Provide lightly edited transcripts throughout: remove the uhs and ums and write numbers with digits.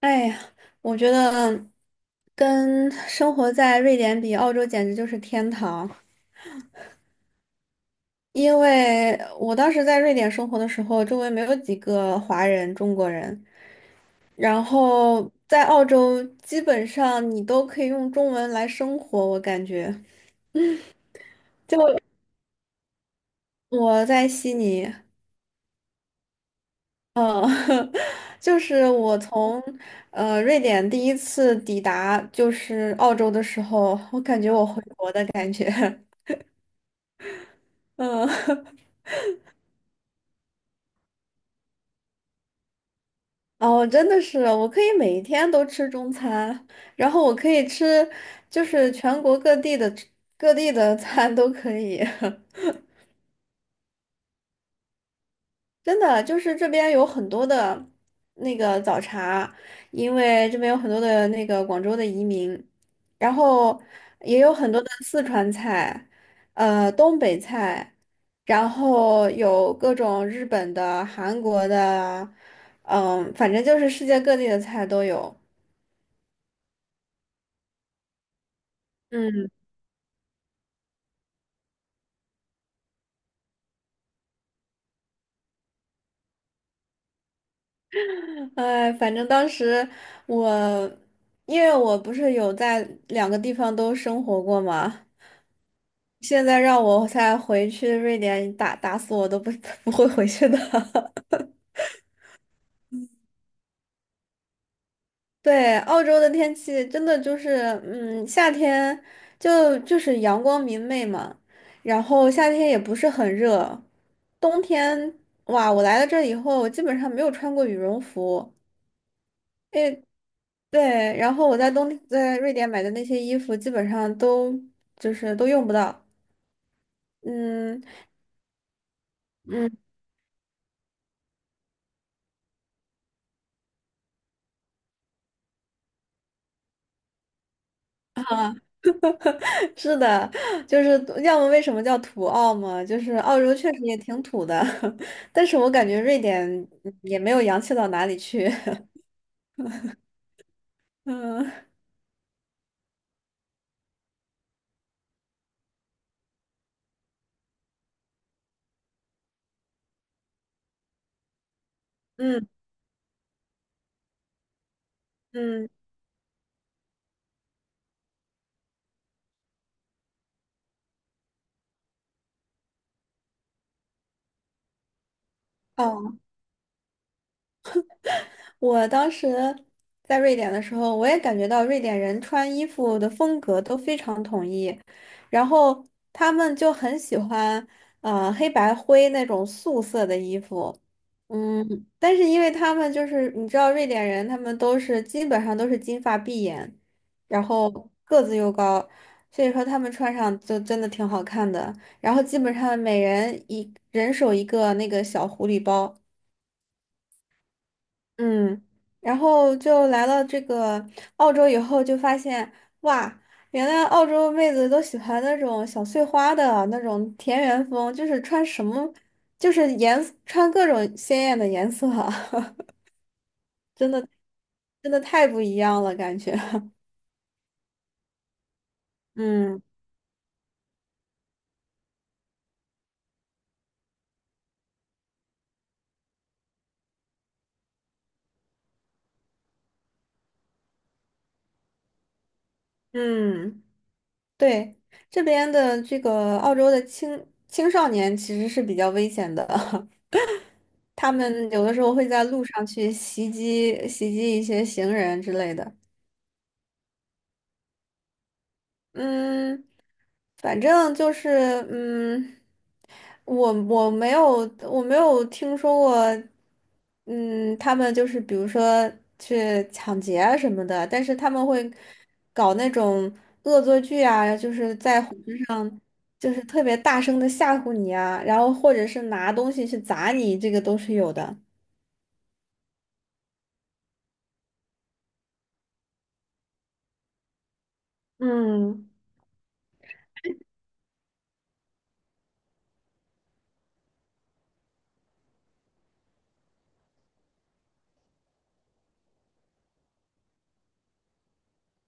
哎呀，我觉得跟生活在瑞典比，澳洲简直就是天堂。因为我当时在瑞典生活的时候，周围没有几个华人、中国人，然后在澳洲基本上你都可以用中文来生活，我感觉。就我在悉尼，嗯，就是我从瑞典第一次抵达就是澳洲的时候，我感觉我回国的感觉，嗯。哦，真的是，我可以每一天都吃中餐，然后我可以吃，就是全国各地的餐都可以。真的，就是这边有很多的那个早茶，因为这边有很多的那个广州的移民，然后也有很多的四川菜，东北菜，然后有各种日本的、韩国的，嗯，反正就是世界各地的菜都有。嗯。哎，反正当时我，因为我不是有在两个地方都生活过嘛，现在让我再回去瑞典打死我都不 不会回去的。对，澳洲的天气真的就是，嗯，夏天就是阳光明媚嘛，然后夏天也不是很热，冬天，哇，我来了这以后，我基本上没有穿过羽绒服。对，然后我在瑞典买的那些衣服，基本上都就是都用不到。嗯嗯，是的，就是要么为什么叫土澳嘛，就是澳洲确实也挺土的，但是我感觉瑞典也没有洋气到哪里去。嗯嗯嗯，哦。我当时在瑞典的时候，我也感觉到瑞典人穿衣服的风格都非常统一，然后他们就很喜欢黑白灰那种素色的衣服，嗯，但是因为他们就是你知道瑞典人，他们都是基本上都是金发碧眼，然后个子又高，所以说他们穿上就真的挺好看的，然后基本上每人一人手一个那个小狐狸包。嗯，然后就来了这个澳洲以后，就发现哇，原来澳洲妹子都喜欢那种小碎花的那种田园风，就是穿什么，就是穿各种鲜艳的颜色，真的真的太不一样了，感觉。嗯嗯，对，这边的这个澳洲的青少年其实是比较危险的，他们有的时候会在路上去袭击一些行人之类的。嗯，反正就是，嗯，我没有听说过，嗯，他们就是比如说去抢劫啊什么的，但是他们会搞那种恶作剧啊，就是在火车上就是特别大声的吓唬你啊，然后或者是拿东西去砸你，这个都是有的。嗯，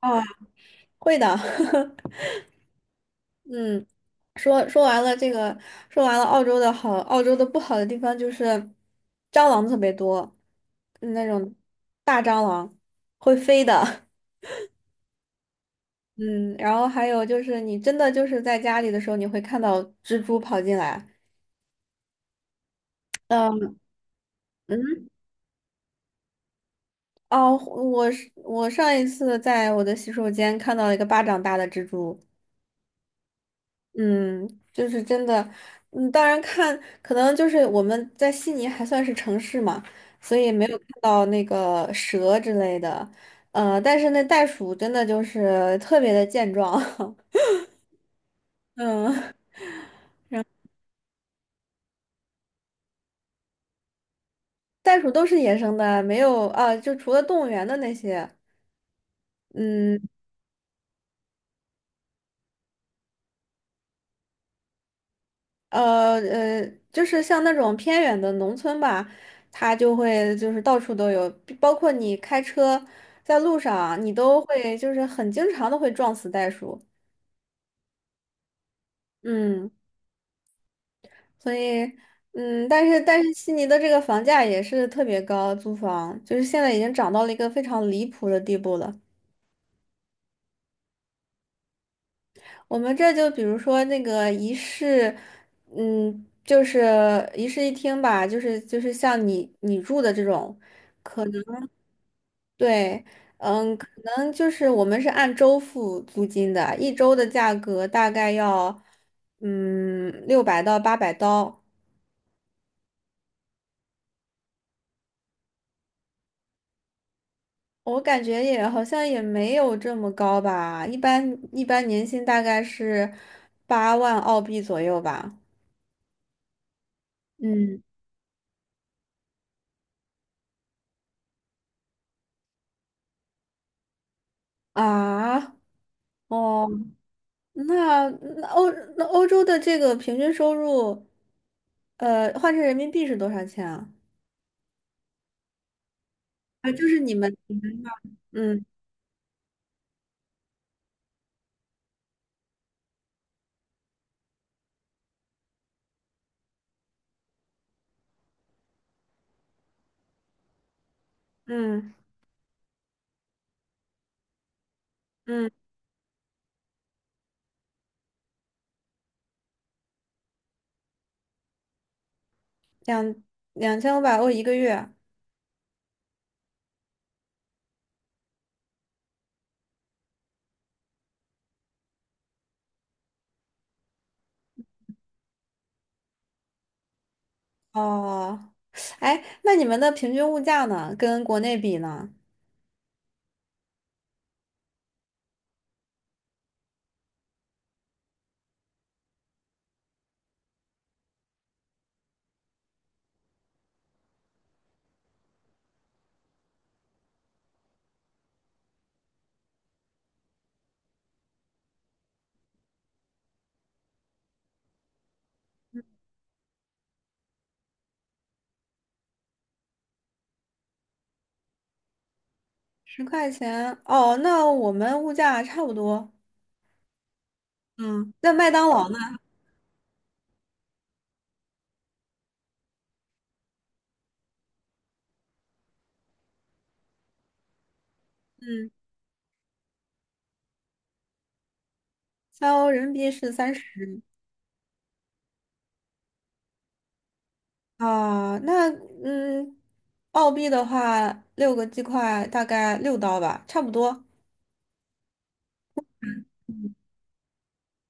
啊，会的，嗯，说完了这个，说完了澳洲的好，澳洲的不好的地方就是蟑螂特别多，那种大蟑螂会飞的。嗯，然后还有就是你真的就是在家里的时候，你会看到蜘蛛跑进来。嗯嗯，哦，我上一次在我的洗手间看到了一个巴掌大的蜘蛛。嗯，就是真的，嗯，当然看，可能就是我们在悉尼还算是城市嘛，所以没有看到那个蛇之类的，但是那袋鼠真的就是特别的健壮，嗯，袋鼠都是野生的，没有啊，就除了动物园的那些，嗯，呃呃，就是像那种偏远的农村吧，它就会就是到处都有，包括你开车在路上，你都会就是很经常的会撞死袋鼠。嗯，所以，嗯，但是悉尼的这个房价也是特别高，租房就是现在已经涨到了一个非常离谱的地步了。我们这就比如说那个一室，嗯，就是一室一厅吧，就是像你住的这种，对，嗯，可能就是我们是按周付租金的，一周的价格大概要，嗯，600到800刀。我感觉也好像也没有这么高吧，一般年薪大概是8万澳币左右吧。嗯，啊，哦，那那欧那欧洲的这个平均收入，换成人民币是多少钱啊？啊，就是你们那儿，嗯嗯嗯，两2500欧一个月。哦，哎，那你们的平均物价呢？跟国内比呢？10块钱，哦，那我们物价差不多。嗯，那麦当劳呢？嗯，3欧人民币是30啊，那嗯，澳币的话，6个鸡块大概6刀吧，差不多。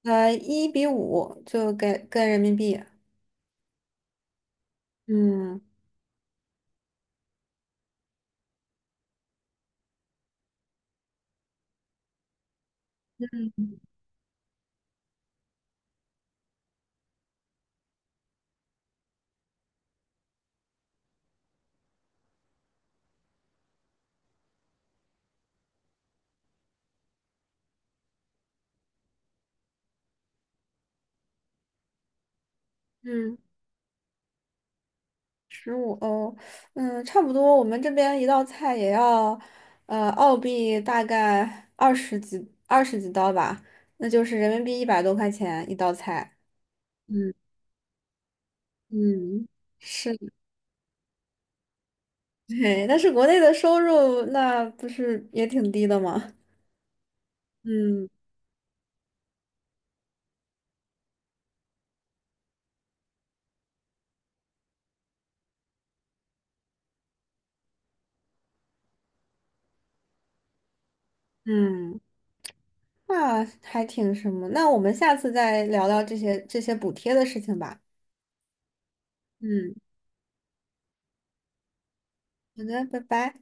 呃，1比5就给跟人民币。嗯嗯，15欧，嗯，差不多。我们这边一道菜也要澳币大概20几刀吧，那就是人民币100多块钱一道菜。嗯嗯。是。对，但是国内的收入那不是也挺低的吗？嗯嗯，那还挺什么？那我们下次再聊聊这些补贴的事情吧。嗯，好的，拜拜。